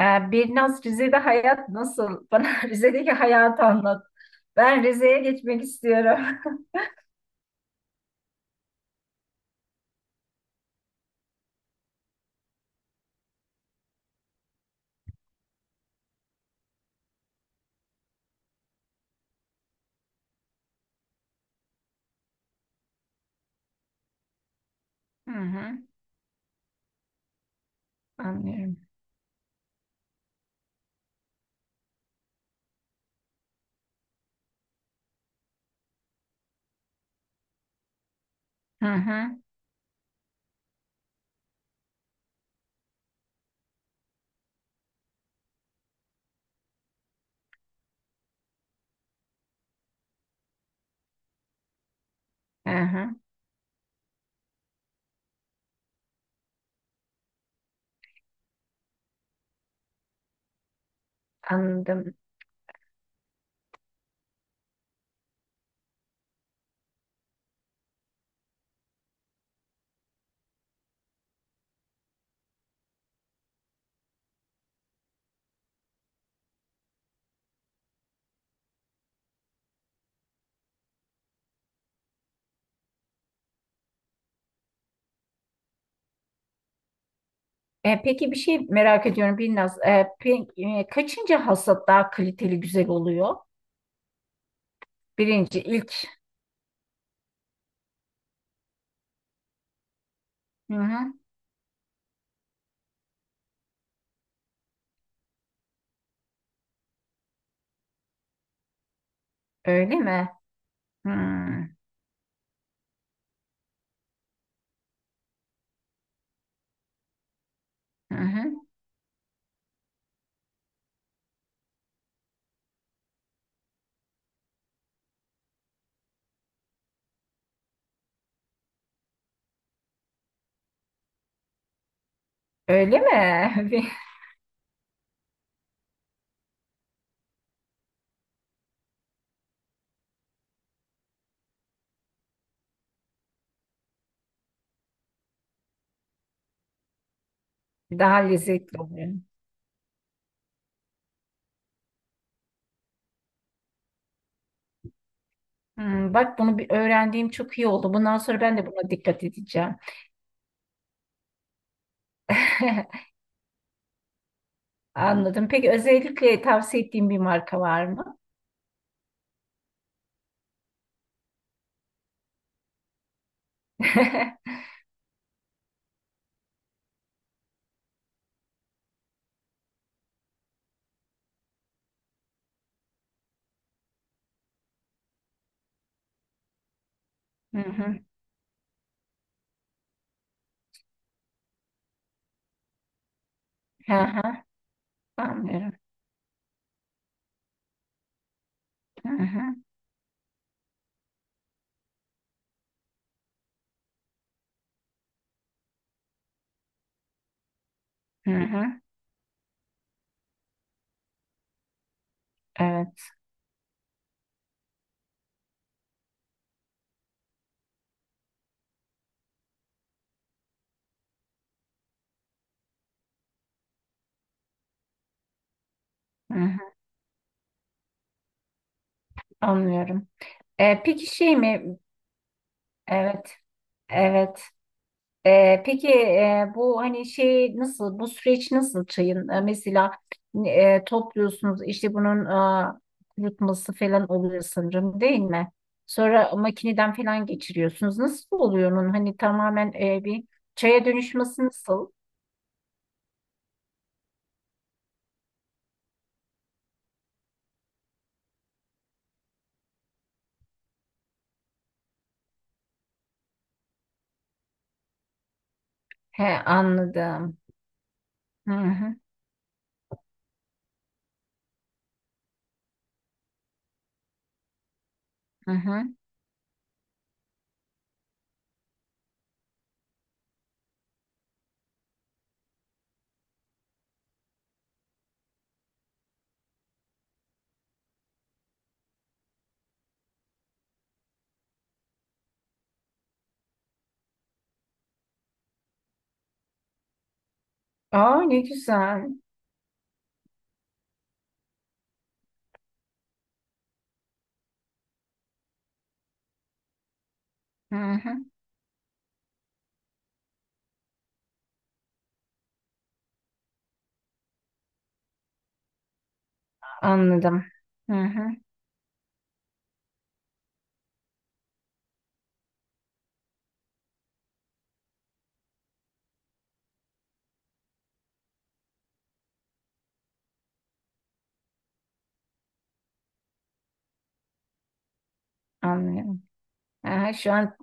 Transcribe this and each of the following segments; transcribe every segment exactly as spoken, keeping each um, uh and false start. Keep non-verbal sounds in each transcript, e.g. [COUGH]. Ee, Birnaz, Rize'de hayat nasıl? [LAUGHS] Bana Rize'deki hayatı anlat. Ben Rize'ye geçmek istiyorum. [LAUGHS] Hı hı, anlıyorum. Hı hı, hı hı, anladım. E, peki bir şey merak ediyorum Birnaz. E, pe- e, kaçıncı hasat daha kaliteli, güzel oluyor? Birinci, ilk. Hı hı, öyle mi? Hı hı, hı. Öyle mi? [LAUGHS] Daha lezzetli oluyor. Hmm, bak bunu bir öğrendiğim çok iyi oldu. Bundan sonra ben de buna dikkat edeceğim. [LAUGHS] Anladım. Peki özellikle tavsiye ettiğin bir marka var mı? [LAUGHS] Hı hı. Hı hı. Anlıyorum. Hı hı. Hı hı. Evet. Hı hı. Anlıyorum. E, peki şey mi? Evet. Evet. E, peki, e, bu hani şey nasıl? Bu süreç nasıl çayın? E, mesela e, topluyorsunuz, işte bunun e, kurutması falan oluyor sanırım, değil mi? Sonra makineden falan geçiriyorsunuz. Nasıl oluyor onun? Hani tamamen e, bir çaya dönüşmesi nasıl? He, anladım. Hı hı, hı hı. Aa, ne güzel. Hı hı. Anladım. Hı hı. Anlıyorum. Aha, şu an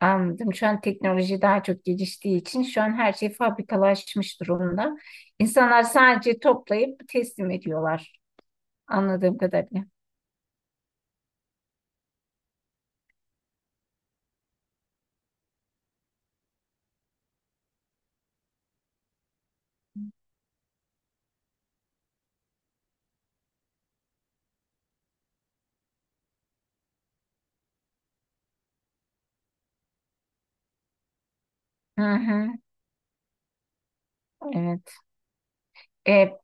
anladım. Şu an teknoloji daha çok geliştiği için şu an her şey fabrikalaşmış durumda. İnsanlar sadece toplayıp teslim ediyorlar. Anladığım kadarıyla. Hı hı. Evet. E,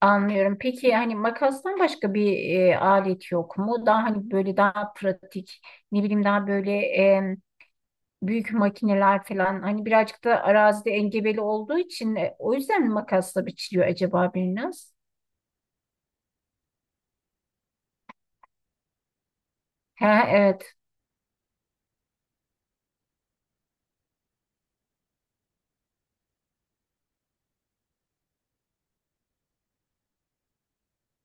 Anlıyorum. Peki hani makastan başka bir e, alet yok mu? Daha hani böyle daha pratik, ne bileyim daha böyle büyük makineler falan, hani birazcık da arazide engebeli olduğu için e, o yüzden mi makasla biçiliyor acaba biraz? He evet.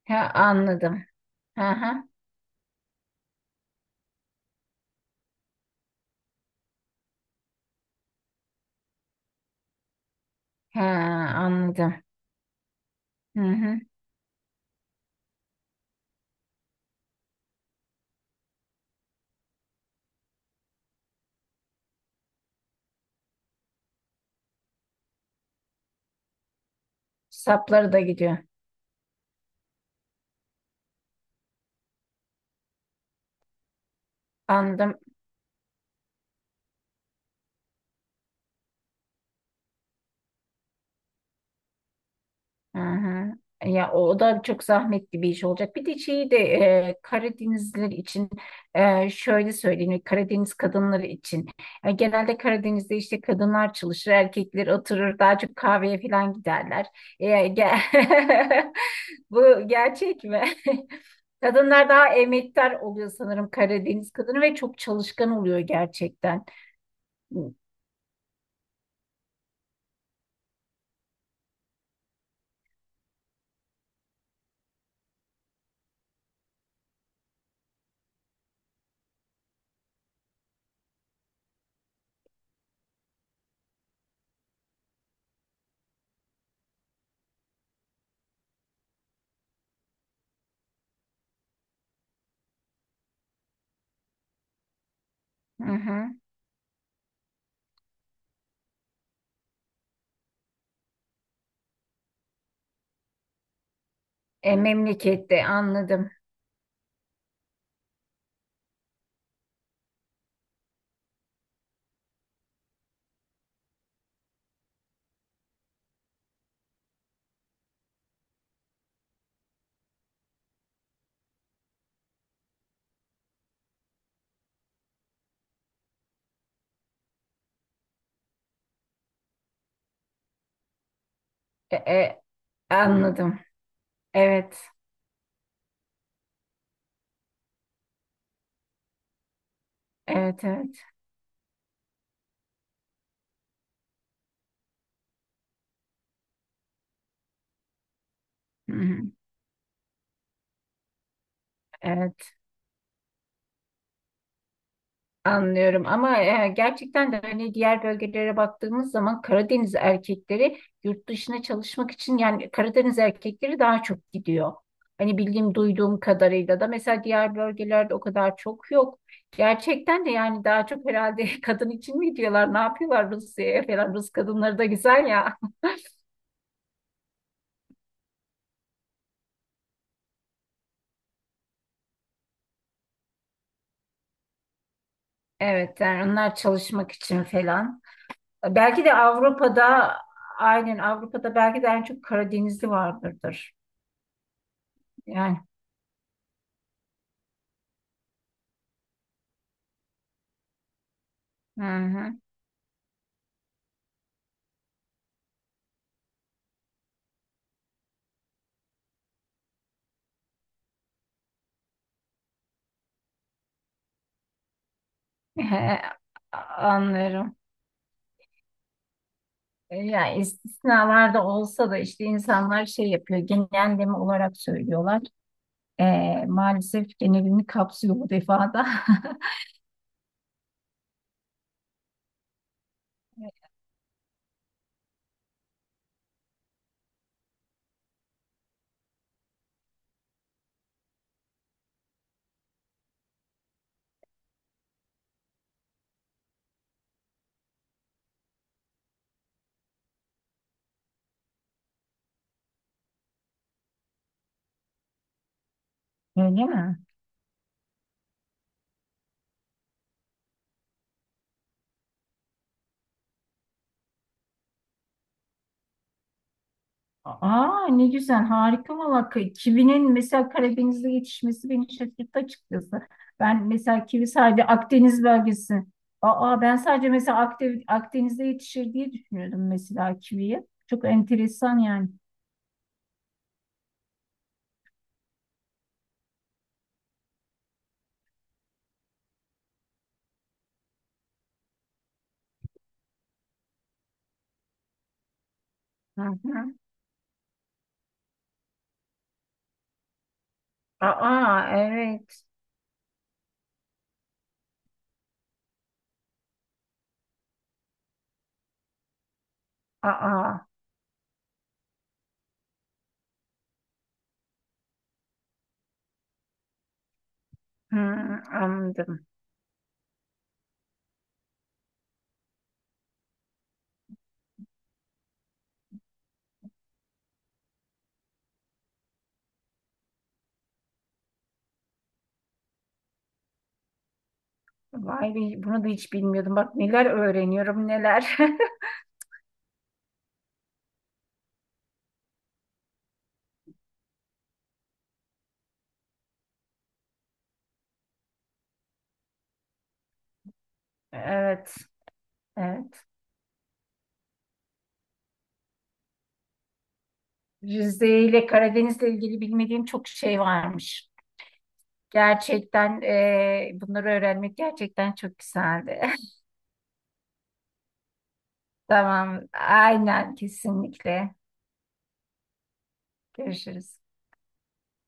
He anladım. He he. He anladım. Hı hı. Sapları da gidiyor. Anladım. Hı hı. E, Ya o da çok zahmetli bir iş olacak. Bir de şeyi de e, Karadenizliler için, e, şöyle söyleyeyim, e, Karadeniz kadınları için. E, genelde Karadeniz'de işte kadınlar çalışır, erkekler oturur, daha çok kahveye falan giderler. E, ge- [LAUGHS] Bu gerçek mi? [LAUGHS] Kadınlar daha emektar oluyor sanırım, Karadeniz kadını ve çok çalışkan oluyor gerçekten. Hı. Hı hı. E, memlekette, anladım. E, e, Anladım. Evet. Evet, evet. Hı hı. Evet. Anlıyorum, ama e, gerçekten de hani diğer bölgelere baktığımız zaman Karadeniz erkekleri yurt dışına çalışmak için, yani Karadeniz erkekleri daha çok gidiyor. Hani bildiğim, duyduğum kadarıyla da mesela diğer bölgelerde o kadar çok yok. Gerçekten de yani daha çok herhalde [LAUGHS] kadın için mi gidiyorlar, ne yapıyorlar Rusya'ya falan, Rus kadınları da güzel ya. Evet, yani onlar çalışmak için falan. Belki de Avrupa'da, aynen Avrupa'da belki de en çok Karadenizli vardırdır. Yani. Hı hı. [LAUGHS] He, anlıyorum. E, Yani istisnalarda olsa da işte insanlar şey yapıyor, genelleme olarak söylüyorlar. E, maalesef genelini kapsıyor bu defada. [LAUGHS] Öyle mi? Aa, ne güzel, harika valla. Ki- kivinin mesela Karadeniz'de yetişmesi beni şaşırttı açıkçası. Ben mesela kivi sadece Akdeniz bölgesi. Aa, ben sadece mesela Akde- Akdeniz'de yetişir diye düşünüyordum mesela kiviyi. Çok enteresan yani. Hı hı. Aa, evet. Aa. Hı, anladım. Vay be, bunu da hiç bilmiyordum. Bak neler öğreniyorum neler. [LAUGHS] Evet, evet. Rize ile Karadeniz'le ilgili bilmediğim çok şey varmış. Gerçekten e, bunları öğrenmek gerçekten çok güzeldi. [LAUGHS] Tamam, aynen kesinlikle. Görüşürüz.